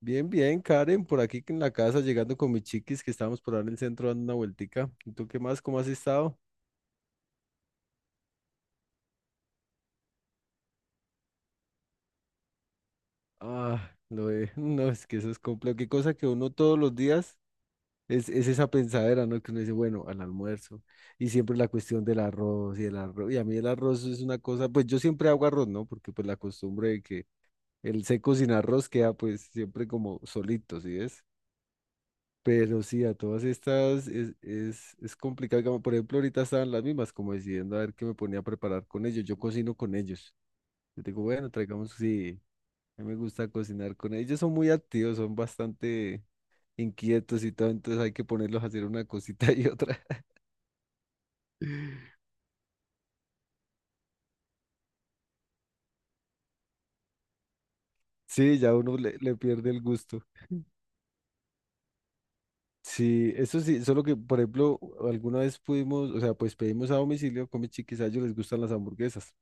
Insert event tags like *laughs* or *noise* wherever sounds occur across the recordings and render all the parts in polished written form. Bien, bien, Karen, por aquí en la casa, llegando con mis chiquis que estábamos por ahí en el centro dando una vueltica. ¿Y tú qué más? ¿Cómo has estado? Ah, *laughs* no, es que eso es complejo. Qué cosa que uno todos los días es esa pensadera, ¿no? Que uno dice, bueno, al almuerzo. Y siempre la cuestión del arroz y el arroz. Y a mí el arroz es una cosa, pues yo siempre hago arroz, ¿no? Porque pues la costumbre de que el seco sin arroz queda pues siempre como solito, ¿sí ves? Pero sí, a todas estas es complicado. Como, por ejemplo, ahorita estaban las mismas, como decidiendo a ver qué me ponía a preparar con ellos. Yo cocino con ellos. Yo digo, bueno, traigamos, sí, a mí me gusta cocinar con ellos. Ellos son muy activos, son bastante inquietos y todo, entonces hay que ponerlos a hacer una cosita y otra. *laughs* Sí, ya uno le pierde el gusto. Sí, eso sí, solo que, por ejemplo, alguna vez pudimos, o sea, pues pedimos a domicilio, con mis chiquis, a ellos les gustan las hamburguesas.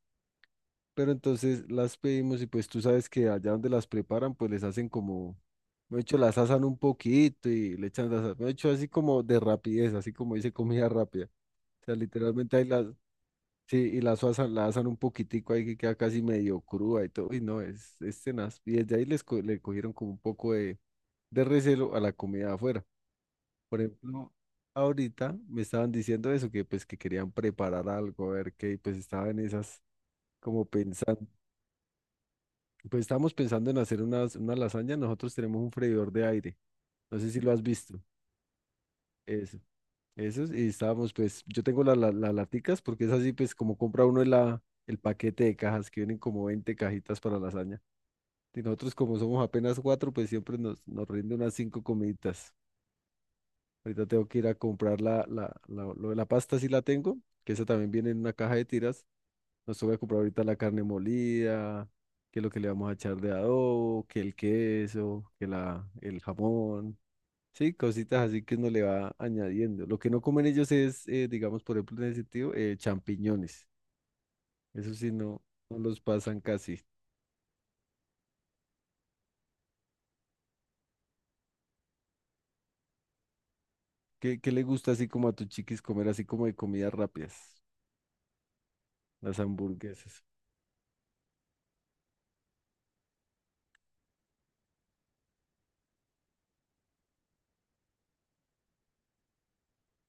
Pero entonces las pedimos y pues tú sabes que allá donde las preparan, pues les hacen como, de hecho, las asan un poquito y le echan las, de hecho, así como de rapidez, así como dice comida rápida. O sea, literalmente ahí las, sí, y las asan, la asan un poquitico ahí que queda casi medio cruda y todo, y no, es tenaz. Y desde ahí le cogieron como un poco de recelo a la comida de afuera. Por ejemplo, ahorita me estaban diciendo eso, que pues que querían preparar algo, a ver qué, y pues estaba en esas como pensando. Pues estamos pensando en hacer unas, una lasaña. Nosotros tenemos un freidor de aire. No sé si lo has visto. Eso. Eso. Y estábamos, pues, yo tengo las laticas porque es así, pues, como compra uno la, el paquete de cajas que vienen como 20 cajitas para lasaña. Y nosotros, como somos apenas cuatro, pues siempre nos, nos rinde unas cinco comiditas. Ahorita tengo que ir a comprar lo de la pasta, sí la tengo, que esa también viene en una caja de tiras. Nos toca comprar ahorita la carne molida, que lo que le vamos a echar de adobo, que el queso, que el jamón. Sí, cositas así que uno le va añadiendo. Lo que no comen ellos es, digamos, por ejemplo, en ese sentido, champiñones. Eso sí, no, no los pasan casi. ¿Qué le gusta así como a tus chiquis comer así como de comidas rápidas? Las hamburguesas.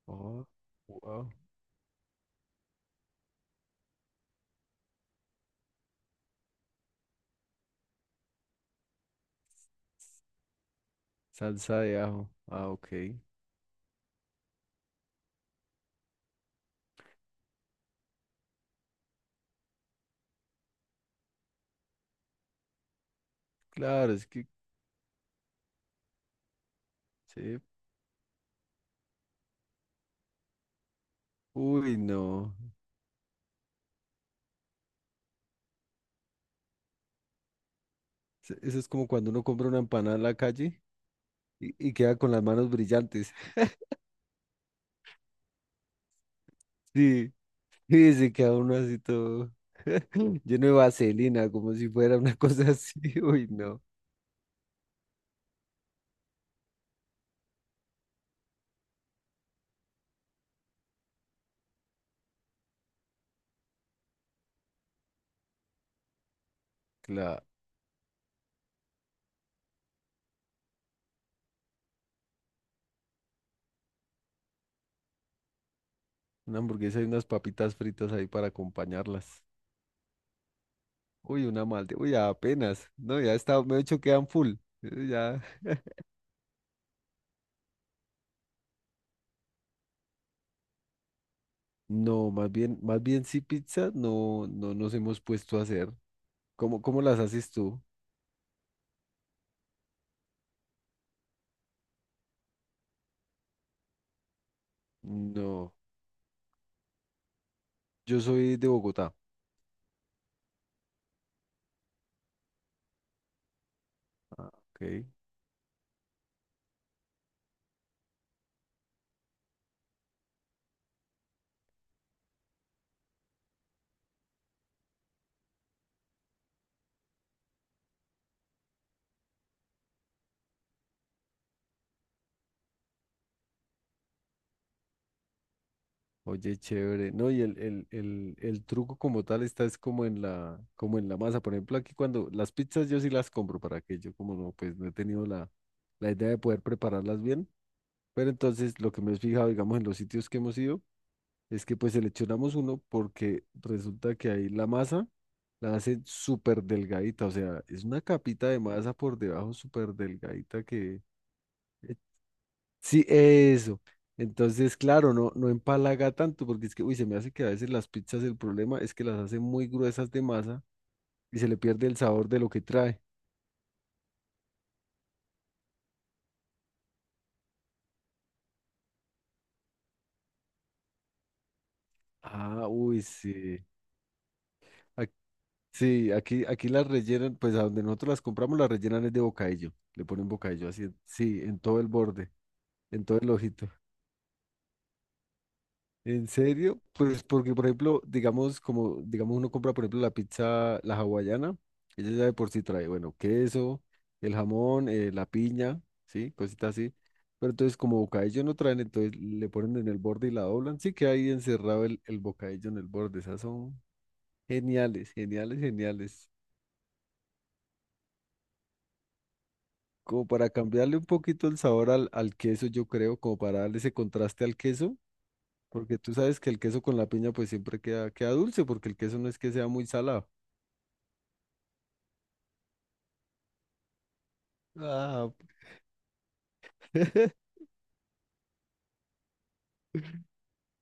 Oh, wow. Salsa de ajo. Ah, ok. Claro, es que sí. Uy, no. Eso es como cuando uno compra una empanada en la calle y queda con las manos brillantes. *laughs* Sí, sí, se queda uno así todo *laughs* lleno de vaselina, como si fuera una cosa así. *laughs* Uy, no. Claro, una hamburguesa y unas papitas fritas ahí para acompañarlas. Uy, una malta. Uy, apenas. No, ya está, me he hecho quedan full. Ya. No, más bien sí pizza, no, no nos hemos puesto a hacer. ¿Cómo, cómo las haces tú? No, yo soy de Bogotá. Ah, ok. Oye, chévere. No, y el truco como tal está es como en la masa. Por ejemplo, aquí cuando las pizzas yo sí las compro para que yo como no, pues no he tenido la idea de poder prepararlas bien. Pero entonces lo que me he fijado, digamos, en los sitios que hemos ido, es que pues seleccionamos uno porque resulta que ahí la masa la hacen súper delgadita. O sea, es una capita de masa por debajo súper delgadita que... Sí, eso. Entonces, claro, no, no empalaga tanto, porque es que, uy, se me hace que a veces las pizzas el problema es que las hacen muy gruesas de masa y se le pierde el sabor de lo que trae. Ah, uy, sí. Ac- sí, aquí, aquí las rellenan, pues a donde nosotros las compramos las rellenan es de bocadillo. Le ponen bocadillo así, sí, en todo el borde, en todo el ojito. ¿En serio? Pues porque, por ejemplo, digamos, como, digamos, uno compra, por ejemplo, la pizza, la hawaiana, ella ya de por sí trae, bueno, queso, el jamón, la piña, ¿sí? Cositas así. Pero entonces, como bocadillo no traen, entonces le ponen en el borde y la doblan, sí que ahí encerrado el bocadillo en el borde. Esas son geniales, geniales, geniales. Como para cambiarle un poquito el sabor al, al queso, yo creo, como para darle ese contraste al queso, porque tú sabes que el queso con la piña pues siempre queda dulce, porque el queso no es que sea muy salado. Ah, *laughs*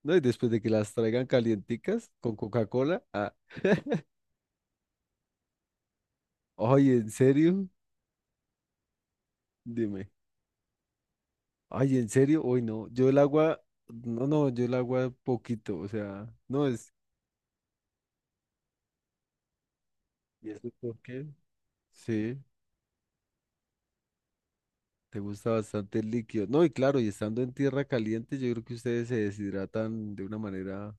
no, y después de que las traigan calienticas con Coca-Cola. Ah. *laughs* Ay, ¿en serio? Dime. Ay, ¿en serio? Hoy no. Yo el agua, no, no, yo el agua poquito, o sea, no es. ¿Y eso por qué? Sí, te gusta bastante el líquido. No, y claro, y estando en tierra caliente, yo creo que ustedes se deshidratan de una manera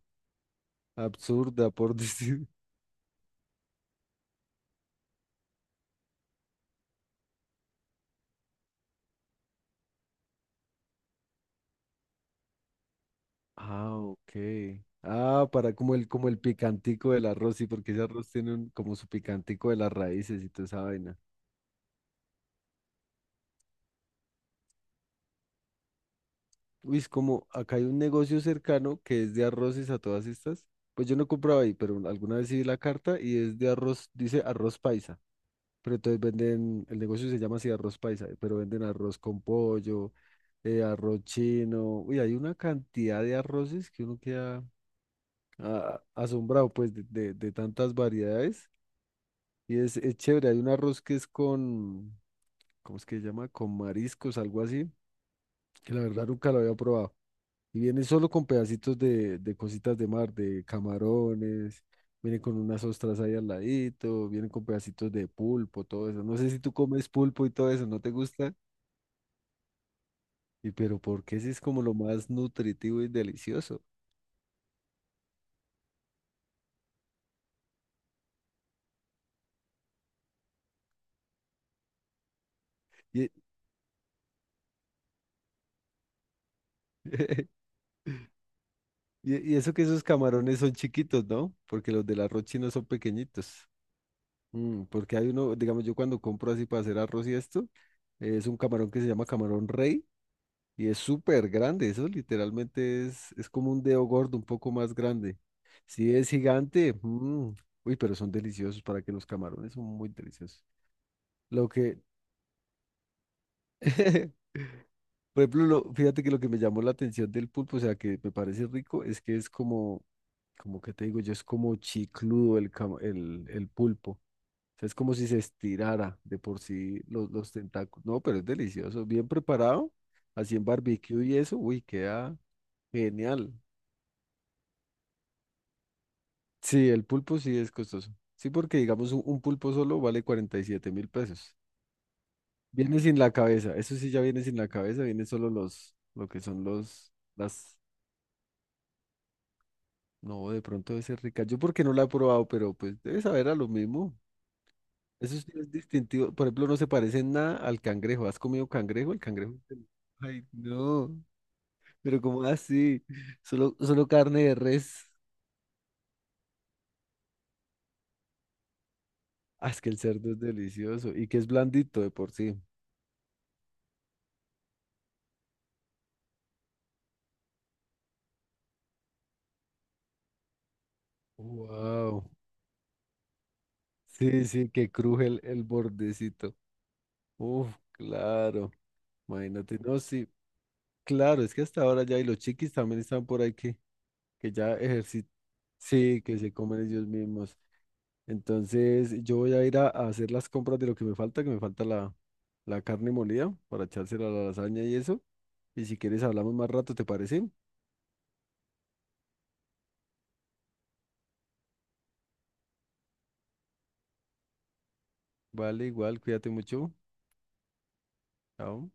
absurda, por *laughs* decir. Ah, ok. Ah, para como el picantico del arroz, sí, porque ese arroz tiene un, como su picantico de las raíces y toda esa vaina. Uy, es como, acá hay un negocio cercano que es de arroces a todas estas. Pues yo no compraba ahí, pero alguna vez sí vi la carta y es de arroz, dice arroz paisa. Pero entonces venden, el negocio se llama así arroz paisa, pero venden arroz con pollo, arroz chino. Uy, hay una cantidad de arroces que uno queda ah, asombrado, pues, de de tantas variedades. Y es chévere, hay un arroz que es con, ¿cómo es que se llama? Con mariscos, algo así, que la verdad nunca lo había probado. Y viene solo con pedacitos de cositas de mar, de camarones, viene con unas ostras ahí al ladito, viene con pedacitos de pulpo, todo eso. No sé si tú comes pulpo y todo eso, ¿no te gusta? Y pero ¿por qué si es como lo más nutritivo y delicioso? Y, *laughs* y eso que esos camarones son chiquitos, ¿no? Porque los del arroz chino son pequeñitos. Mm, porque hay uno, digamos, yo cuando compro así para hacer arroz y esto, es un camarón que se llama camarón rey y es súper grande. Eso literalmente es como un dedo gordo, un poco más grande. Sí, es gigante. Mm. Uy, pero son deliciosos para que los camarones son muy deliciosos. Lo que, *laughs* por ejemplo, fíjate que lo que me llamó la atención del pulpo, o sea, que me parece rico, es que es como, como que te digo yo, es como chicludo el pulpo. O sea, es como si se estirara de por sí los tentáculos. No, pero es delicioso. Bien preparado, así en barbecue y eso, uy, queda genial. Sí, el pulpo sí es costoso. Sí, porque digamos un, pulpo solo vale $47,000. Viene sin la cabeza, eso sí ya viene sin la cabeza, viene solo lo que son los, las, no, de pronto debe ser rica. Yo porque no la he probado, pero pues debe saber a lo mismo. Eso sí es distintivo, por ejemplo, no se parece en nada al cangrejo. ¿Has comido cangrejo? El cangrejo. Es Ay, no. Pero como así, solo, solo carne de res. Ah, es que el cerdo es delicioso y que es blandito de por sí. Wow. Sí, sí, que cruje el bordecito. Uf, claro. Imagínate, no, sí, claro, es que hasta ahora ya y los chiquis también están por ahí que, ya ejercitan. Sí, que se comen ellos mismos. Entonces, yo voy a ir a hacer las compras de lo que me falta la carne molida para echársela a la lasaña y eso. Y si quieres hablamos más rato, ¿te parece? Vale, igual, cuídate mucho. Chao.